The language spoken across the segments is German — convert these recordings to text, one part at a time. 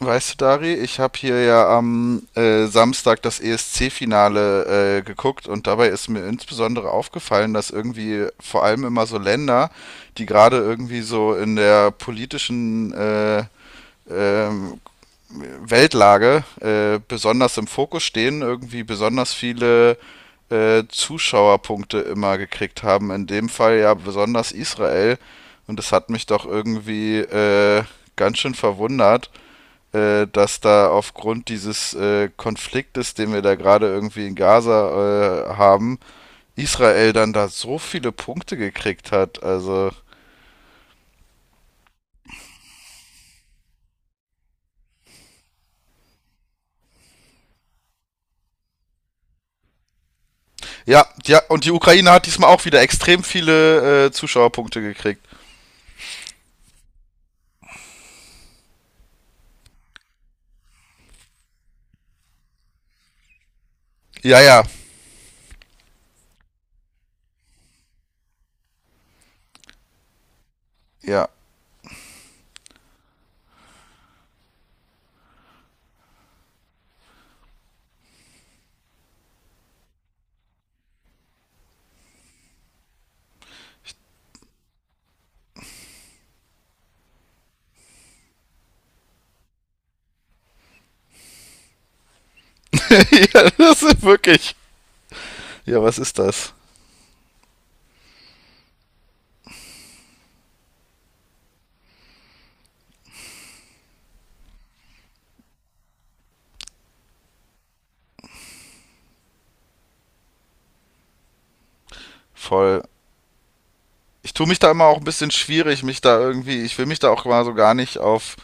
Weißt du, Dari, ich habe hier ja am Samstag das ESC-Finale geguckt und dabei ist mir insbesondere aufgefallen, dass irgendwie vor allem immer so Länder, die gerade irgendwie so in der politischen ähm, Weltlage besonders im Fokus stehen, irgendwie besonders viele Zuschauerpunkte immer gekriegt haben. In dem Fall ja besonders Israel, und das hat mich doch irgendwie ganz schön verwundert, dass da aufgrund dieses Konfliktes, den wir da gerade irgendwie in Gaza haben, Israel dann da so viele Punkte gekriegt hat. Also ja, ja, und die Ukraine hat diesmal auch wieder extrem viele Zuschauerpunkte gekriegt. Ja, ja, ja. Ja, das ist wirklich. Ja, was ist das? Voll. Ich tue mich da immer auch ein bisschen schwierig, mich da irgendwie, ich will mich da auch mal so gar nicht auf,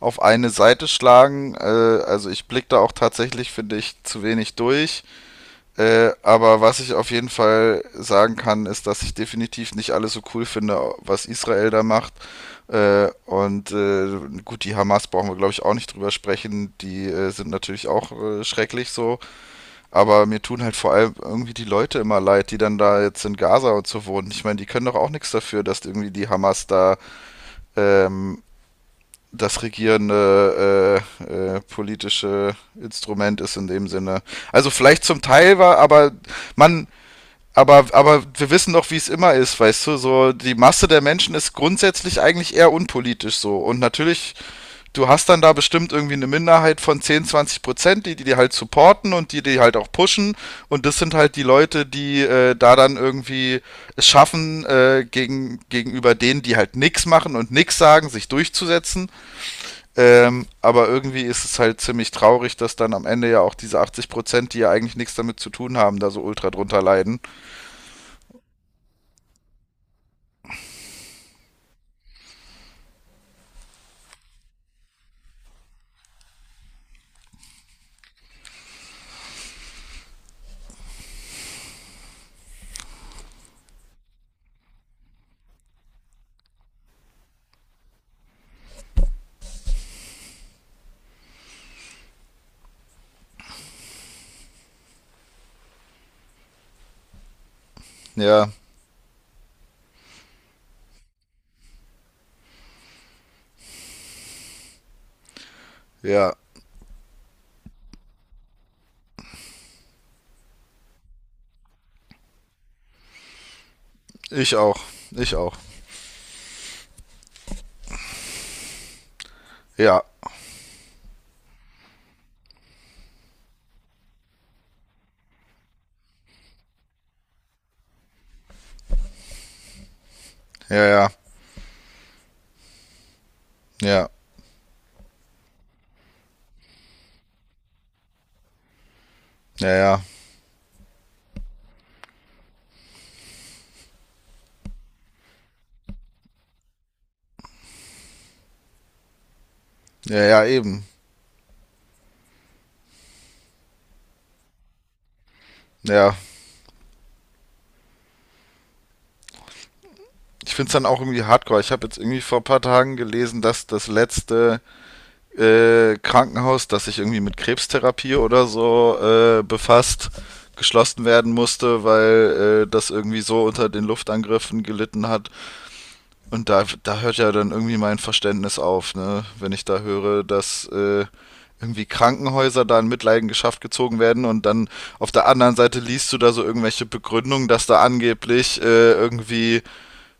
auf eine Seite schlagen. Also ich blicke da auch tatsächlich, finde ich, zu wenig durch. Aber was ich auf jeden Fall sagen kann, ist, dass ich definitiv nicht alles so cool finde, was Israel da macht. Äh, und äh, gut, die Hamas brauchen wir, glaube ich, auch nicht drüber sprechen. Die sind natürlich auch schrecklich so. Aber mir tun halt vor allem irgendwie die Leute immer leid, die dann da jetzt in Gaza und so wohnen. Ich meine, die können doch auch nichts dafür, dass irgendwie die Hamas da ähm, das regierende politische Instrument ist in dem Sinne. Also vielleicht zum Teil war, aber man, aber wir wissen doch, wie es immer ist, weißt du, so die Masse der Menschen ist grundsätzlich eigentlich eher unpolitisch so. Und natürlich, du hast dann da bestimmt irgendwie eine Minderheit von 10 bis 20%, die halt supporten und die halt auch pushen. Und das sind halt die Leute, die da dann irgendwie es schaffen, gegenüber denen, die halt nichts machen und nichts sagen, sich durchzusetzen. Aber irgendwie ist es halt ziemlich traurig, dass dann am Ende ja auch diese 80%, die ja eigentlich nichts damit zu tun haben, da so ultra drunter leiden. Ja. Ja, ich auch. Ich auch. Ja, ja, ja, ja, ja, ja, ja, ja, eben. Ja, ich find's dann auch irgendwie hardcore. Ich habe jetzt irgendwie vor ein paar Tagen gelesen, dass das letzte Krankenhaus, das sich irgendwie mit Krebstherapie oder so befasst, geschlossen werden musste, weil das irgendwie so unter den Luftangriffen gelitten hat, und da hört ja dann irgendwie mein Verständnis auf, ne? Wenn ich da höre, dass irgendwie Krankenhäuser da in Mitleidenschaft gezogen werden und dann auf der anderen Seite liest du da so irgendwelche Begründungen, dass da angeblich äh, irgendwie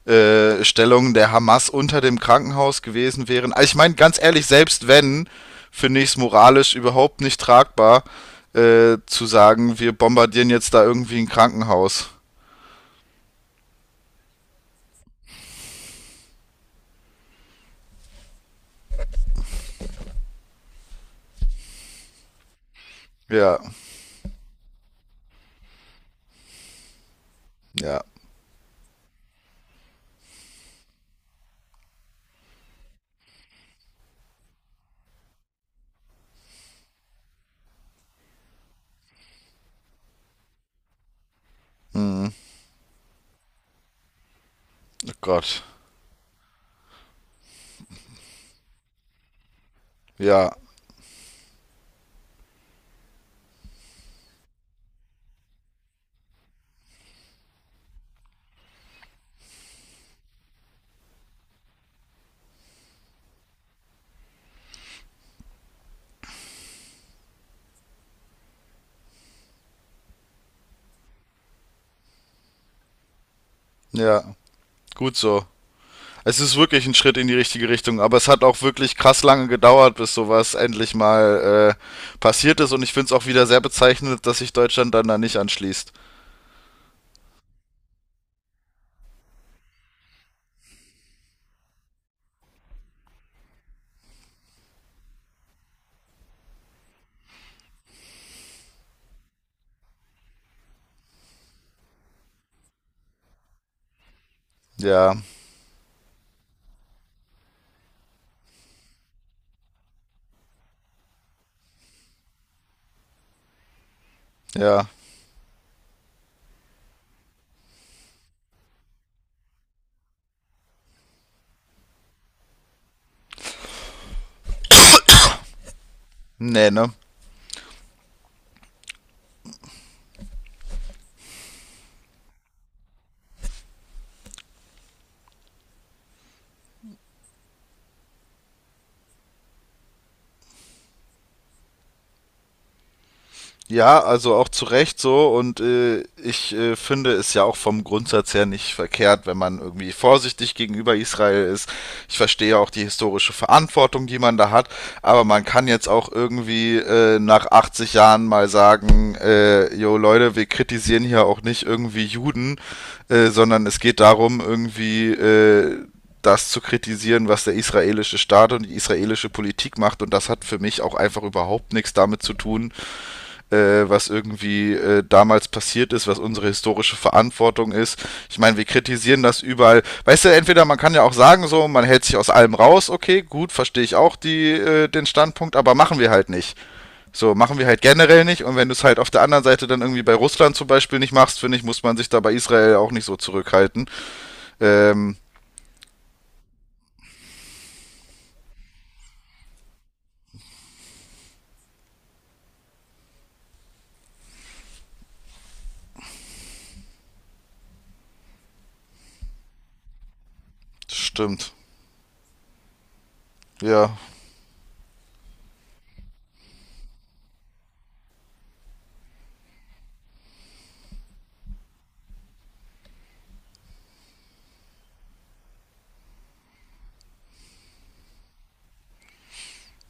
äh, Stellungen der Hamas unter dem Krankenhaus gewesen wären. Also ich meine, ganz ehrlich, selbst wenn, finde ich es moralisch überhaupt nicht tragbar, zu sagen, wir bombardieren jetzt da irgendwie ein Krankenhaus. Ja, ja, oh Gott. Ja, ja, gut so. Es ist wirklich ein Schritt in die richtige Richtung, aber es hat auch wirklich krass lange gedauert, bis sowas endlich mal passiert ist. Und ich finde es auch wieder sehr bezeichnend, dass sich Deutschland dann da nicht anschließt. Ja, ja. Nee, ne? Ja, also auch zu Recht so. Und ich finde es ja auch vom Grundsatz her nicht verkehrt, wenn man irgendwie vorsichtig gegenüber Israel ist. Ich verstehe auch die historische Verantwortung, die man da hat. Aber man kann jetzt auch irgendwie nach 80 Jahren mal sagen, jo Leute, wir kritisieren hier auch nicht irgendwie Juden, sondern es geht darum, irgendwie... das zu kritisieren, was der israelische Staat und die israelische Politik macht. Und das hat für mich auch einfach überhaupt nichts damit zu tun, was irgendwie damals passiert ist, was unsere historische Verantwortung ist. Ich meine, wir kritisieren das überall. Weißt du, entweder man kann ja auch sagen, so, man hält sich aus allem raus, okay, gut, verstehe ich auch die, den Standpunkt, aber machen wir halt nicht. So, machen wir halt generell nicht. Und wenn du es halt auf der anderen Seite dann irgendwie bei Russland zum Beispiel nicht machst, finde ich, muss man sich da bei Israel auch nicht so zurückhalten. Ähm, stimmt. Ja,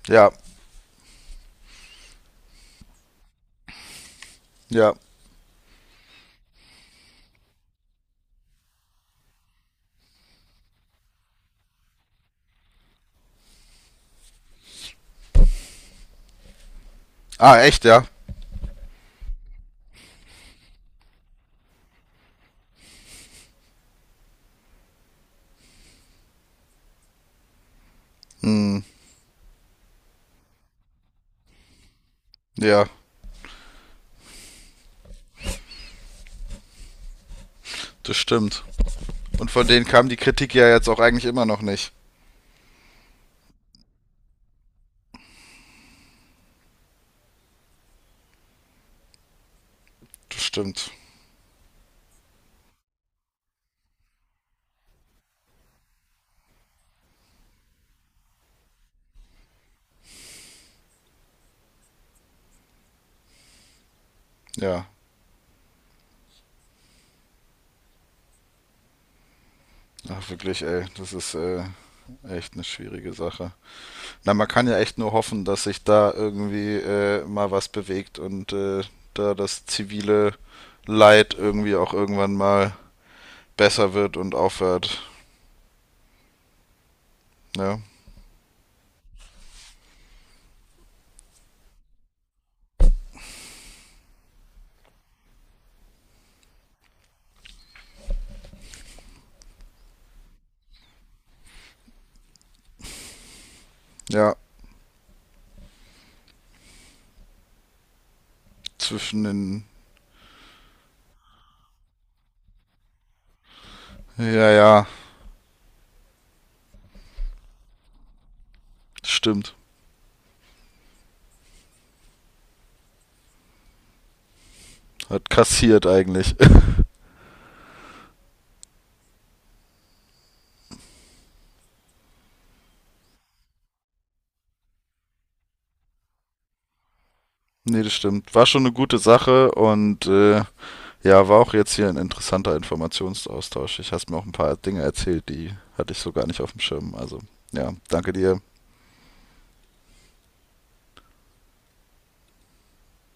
ja, ja. Ah, echt, ja. Hm, ja, das stimmt. Und von denen kam die Kritik ja jetzt auch eigentlich immer noch nicht. Das stimmt. Ja. Ach, wirklich, ey, das ist echt eine schwierige Sache. Na, man kann ja echt nur hoffen, dass sich da irgendwie mal was bewegt und da das zivile Leid irgendwie auch irgendwann mal besser wird und aufhört. Ne? Ja, zwischen den. Ja, ja, stimmt. Hat kassiert eigentlich. Nee, das stimmt. War schon eine gute Sache und ja, war auch jetzt hier ein interessanter Informationsaustausch. Ich hast mir auch ein paar Dinge erzählt, die hatte ich so gar nicht auf dem Schirm. Also, ja, danke dir.